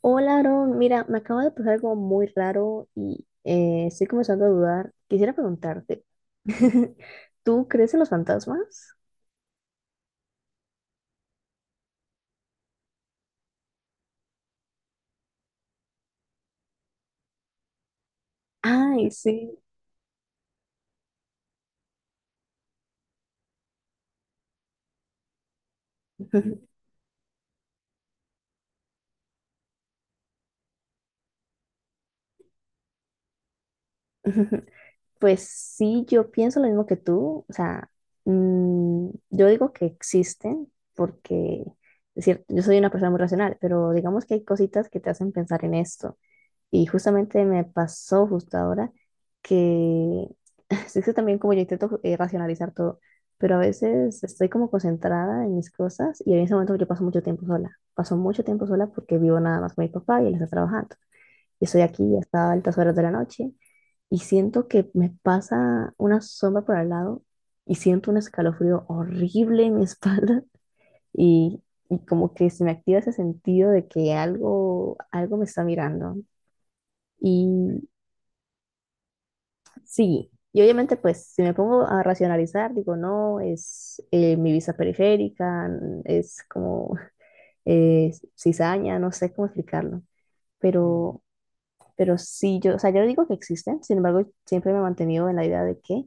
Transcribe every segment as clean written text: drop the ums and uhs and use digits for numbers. Hola, Aaron. Mira, me acaba de pasar algo muy raro y estoy comenzando a dudar. Quisiera preguntarte, ¿tú crees en los fantasmas? Ay, sí. Pues sí, yo pienso lo mismo que tú. O sea, yo digo que existen porque, es cierto, yo soy una persona muy racional, pero digamos que hay cositas que te hacen pensar en esto. Y justamente me pasó justo ahora que sí, que también como yo intento racionalizar todo, pero a veces estoy como concentrada en mis cosas y en ese momento yo paso mucho tiempo sola. Paso mucho tiempo sola porque vivo nada más con mi papá y él está trabajando. Y estoy aquí hasta altas horas de la noche y siento que me pasa una sombra por al lado y siento un escalofrío horrible en mi espalda y, y como que se me activa ese sentido de que algo me está mirando. Y Sí, y obviamente pues si me pongo a racionalizar, digo, no, es mi vista periférica, es como eh, cizaña, no sé cómo explicarlo, pero, pero sí, o sea, yo no digo que existen, sin embargo, siempre me he mantenido en la idea de que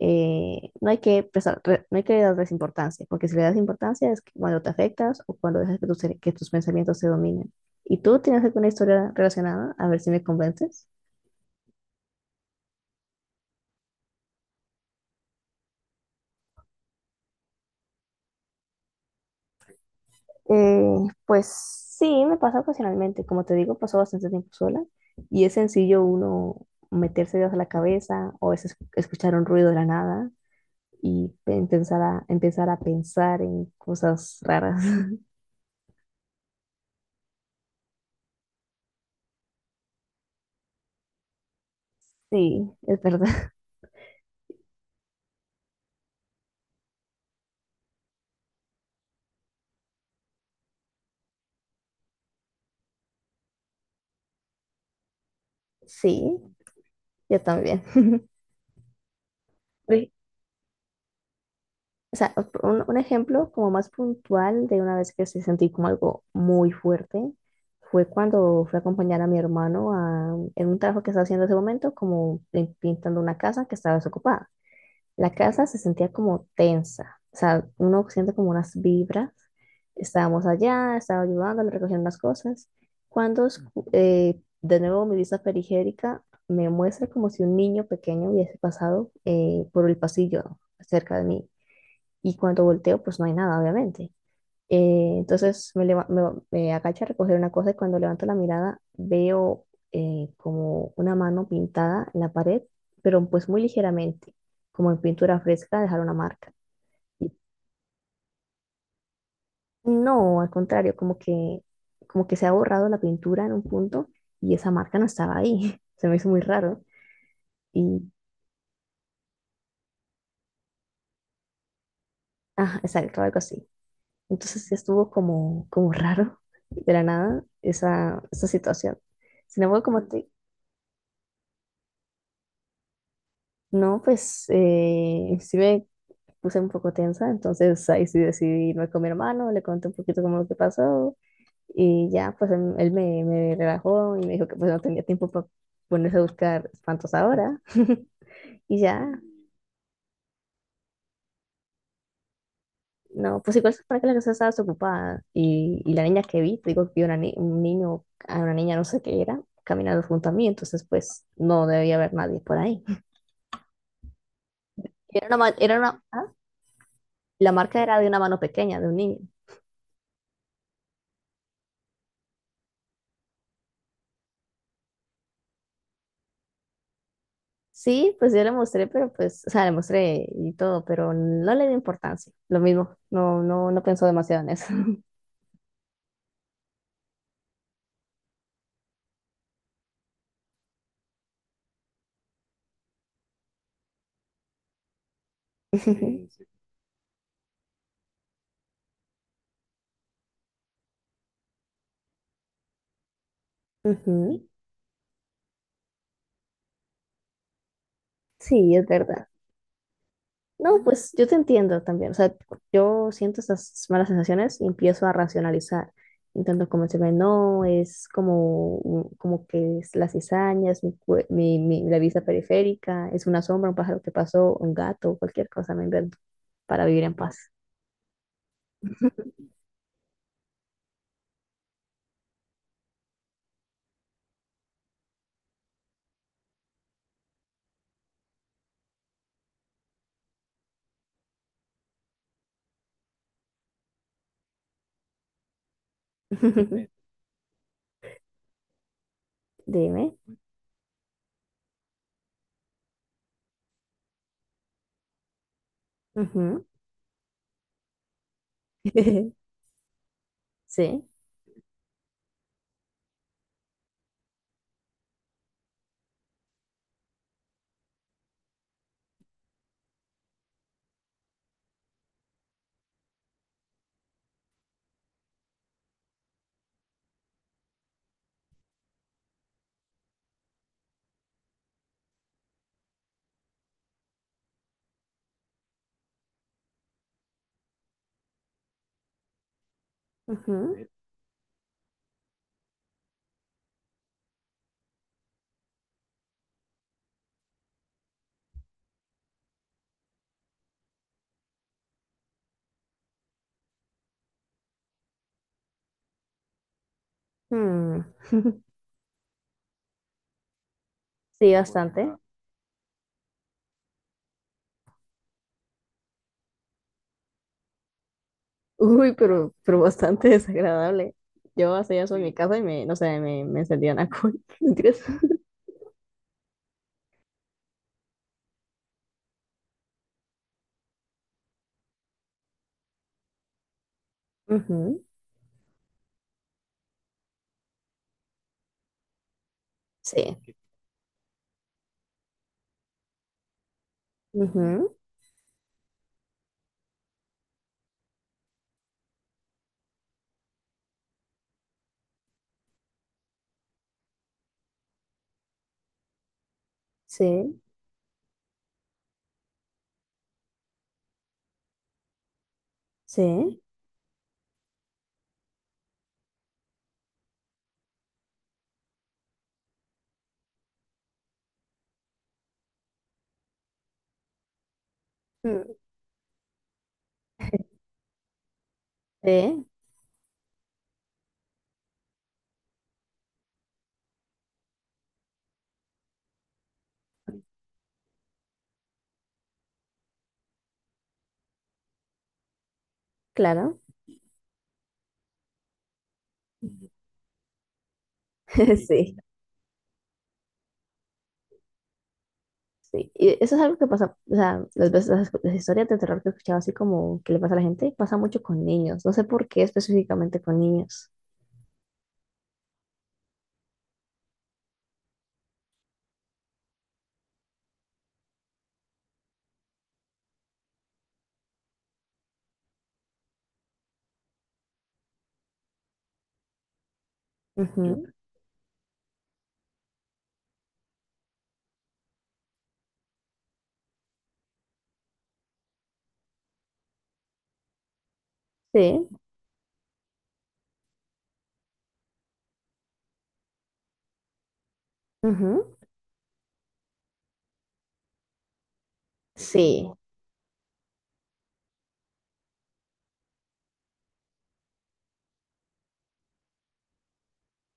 no hay que no hay que darles importancia, porque si le das importancia es cuando te afectas o cuando dejas que que tus pensamientos te dominen. ¿Y tú tienes alguna historia relacionada? A ver si me convences. Eh, pues sí, me pasa ocasionalmente. Como te digo, paso bastante tiempo sola y es sencillo uno meterse ideas a la cabeza o a veces escuchar un ruido de la nada y empezar a pensar en cosas raras. Sí, es verdad. Sí, yo también. Por ej- O sea, un ejemplo como más puntual de una vez que se sentí como algo muy fuerte fue cuando fui a acompañar a mi hermano en un trabajo que estaba haciendo en ese momento, como pintando una casa que estaba desocupada. La casa se sentía como tensa, o sea, uno siente como unas vibras. Estábamos allá, estaba ayudando, le recogían unas cosas. Cuando de nuevo mi vista periférica me muestra como si un niño pequeño hubiese pasado por el pasillo cerca de mí y cuando volteo, pues no hay nada, obviamente. Eh, entonces me, leva- me, me agacho a recoger una cosa y cuando levanto la mirada veo como una mano pintada en la pared, pero pues muy ligeramente, como en pintura fresca, dejar una marca. Y no, al contrario, como que se ha borrado la pintura en un punto y esa marca no estaba ahí. Se me hizo muy raro. Y, ah, exacto, algo así. Entonces sí estuvo como raro de la nada esa situación. Sin embargo, no, pues sí me puse un poco tensa, entonces ahí sí decidí irme con mi hermano, le conté un poquito como lo que pasó y ya, pues él me relajó y me dijo que pues no tenía tiempo para ponerse a buscar espantos ahora. Y ya, no, pues igual para que la casa estaba desocupada. Y la niña que vi, te digo que vi una un niño, a una niña no sé qué era, caminando junto a mí, entonces pues no debía haber nadie por ahí. Era era una, ah, la marca era de una mano pequeña, de un niño. Sí, pues yo le mostré, pero pues, o sea, le mostré y todo, pero no le di importancia. Lo mismo, no pensó demasiado en eso. Sí, sí. Ujú. Sí, es verdad. No, pues yo te entiendo también. O sea, yo siento estas malas sensaciones y empiezo a racionalizar. Intento convencerme, no, es como, un- como que es las cizañas, mi, cue- mi- la vista periférica, es una sombra, un pájaro que pasó, un gato, cualquier cosa me invento para vivir en paz. Dime. Ujú. Sí. Ujú. Mm. Sí, bastante. Uy, pero bastante desagradable. Yo hacía eso en mi casa y me, no sé, me encendían a cool. Mentiras. Ujú. Sí, ujú, sí, sí, mm, sí, claro. Sí, sí. Y eso es algo que pasa, o sea, las veces las historias de terror que he escuchado así como que le pasa a la gente, pasa mucho con niños. No sé por qué específicamente con niños. Ujú. Sí, ujú, sí,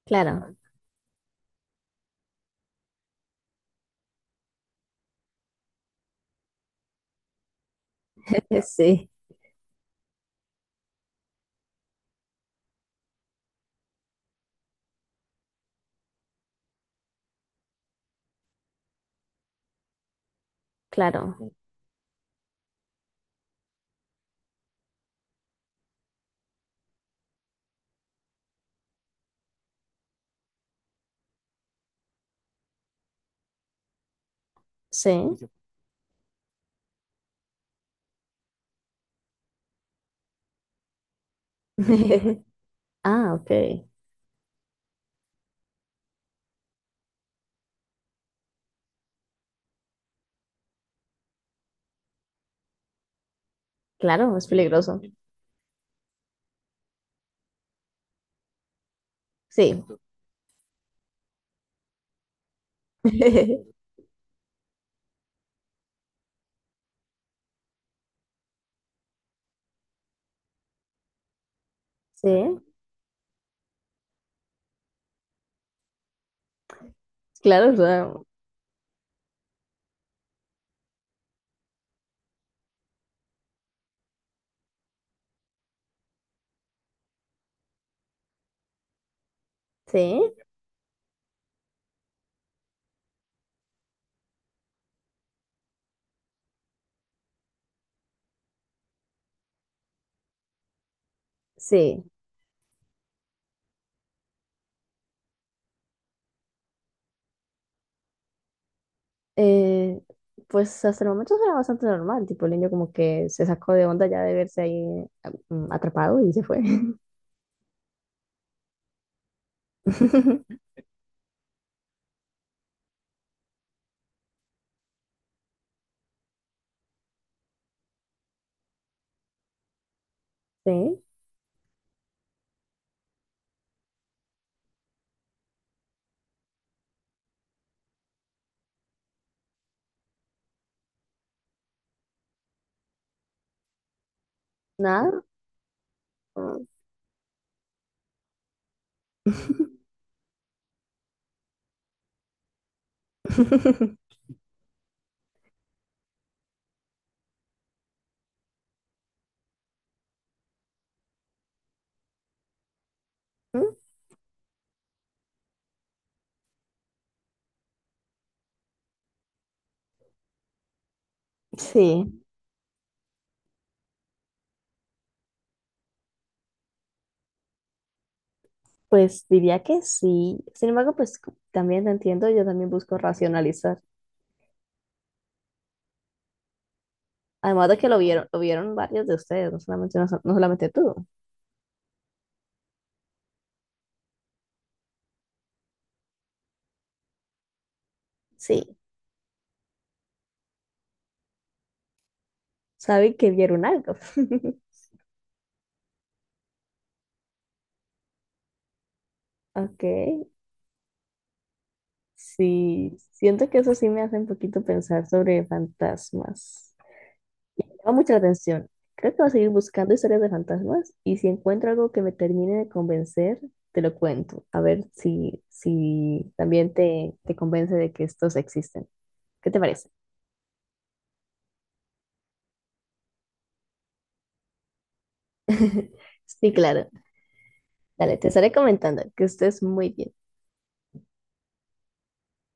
claro. Sí, claro. Sí. Ah, ok. Claro, es peligroso. Sí. Sí, claro, o sea, sí, sí. Eh, pues hasta el momento era bastante normal, tipo el niño como que se sacó de onda ya de verse ahí ah, mm, atrapado y se fue. Sí, nada. Mm. Sí, pues diría que sí. Sin embargo, pues también te entiendo, yo también busco racionalizar. Además de que lo vieron varios de ustedes, no solamente, no solamente tú. Sí. Sabe que vieron algo. Ok, sí, siento que eso sí me hace un poquito pensar sobre fantasmas. Y me llama mucha atención. Creo que voy a seguir buscando historias de fantasmas y si encuentro algo que me termine de convencer, te lo cuento. A ver si, si también te convence de que estos existen. ¿Qué te parece? Sí, claro. Dale, te estaré comentando que estés muy bien.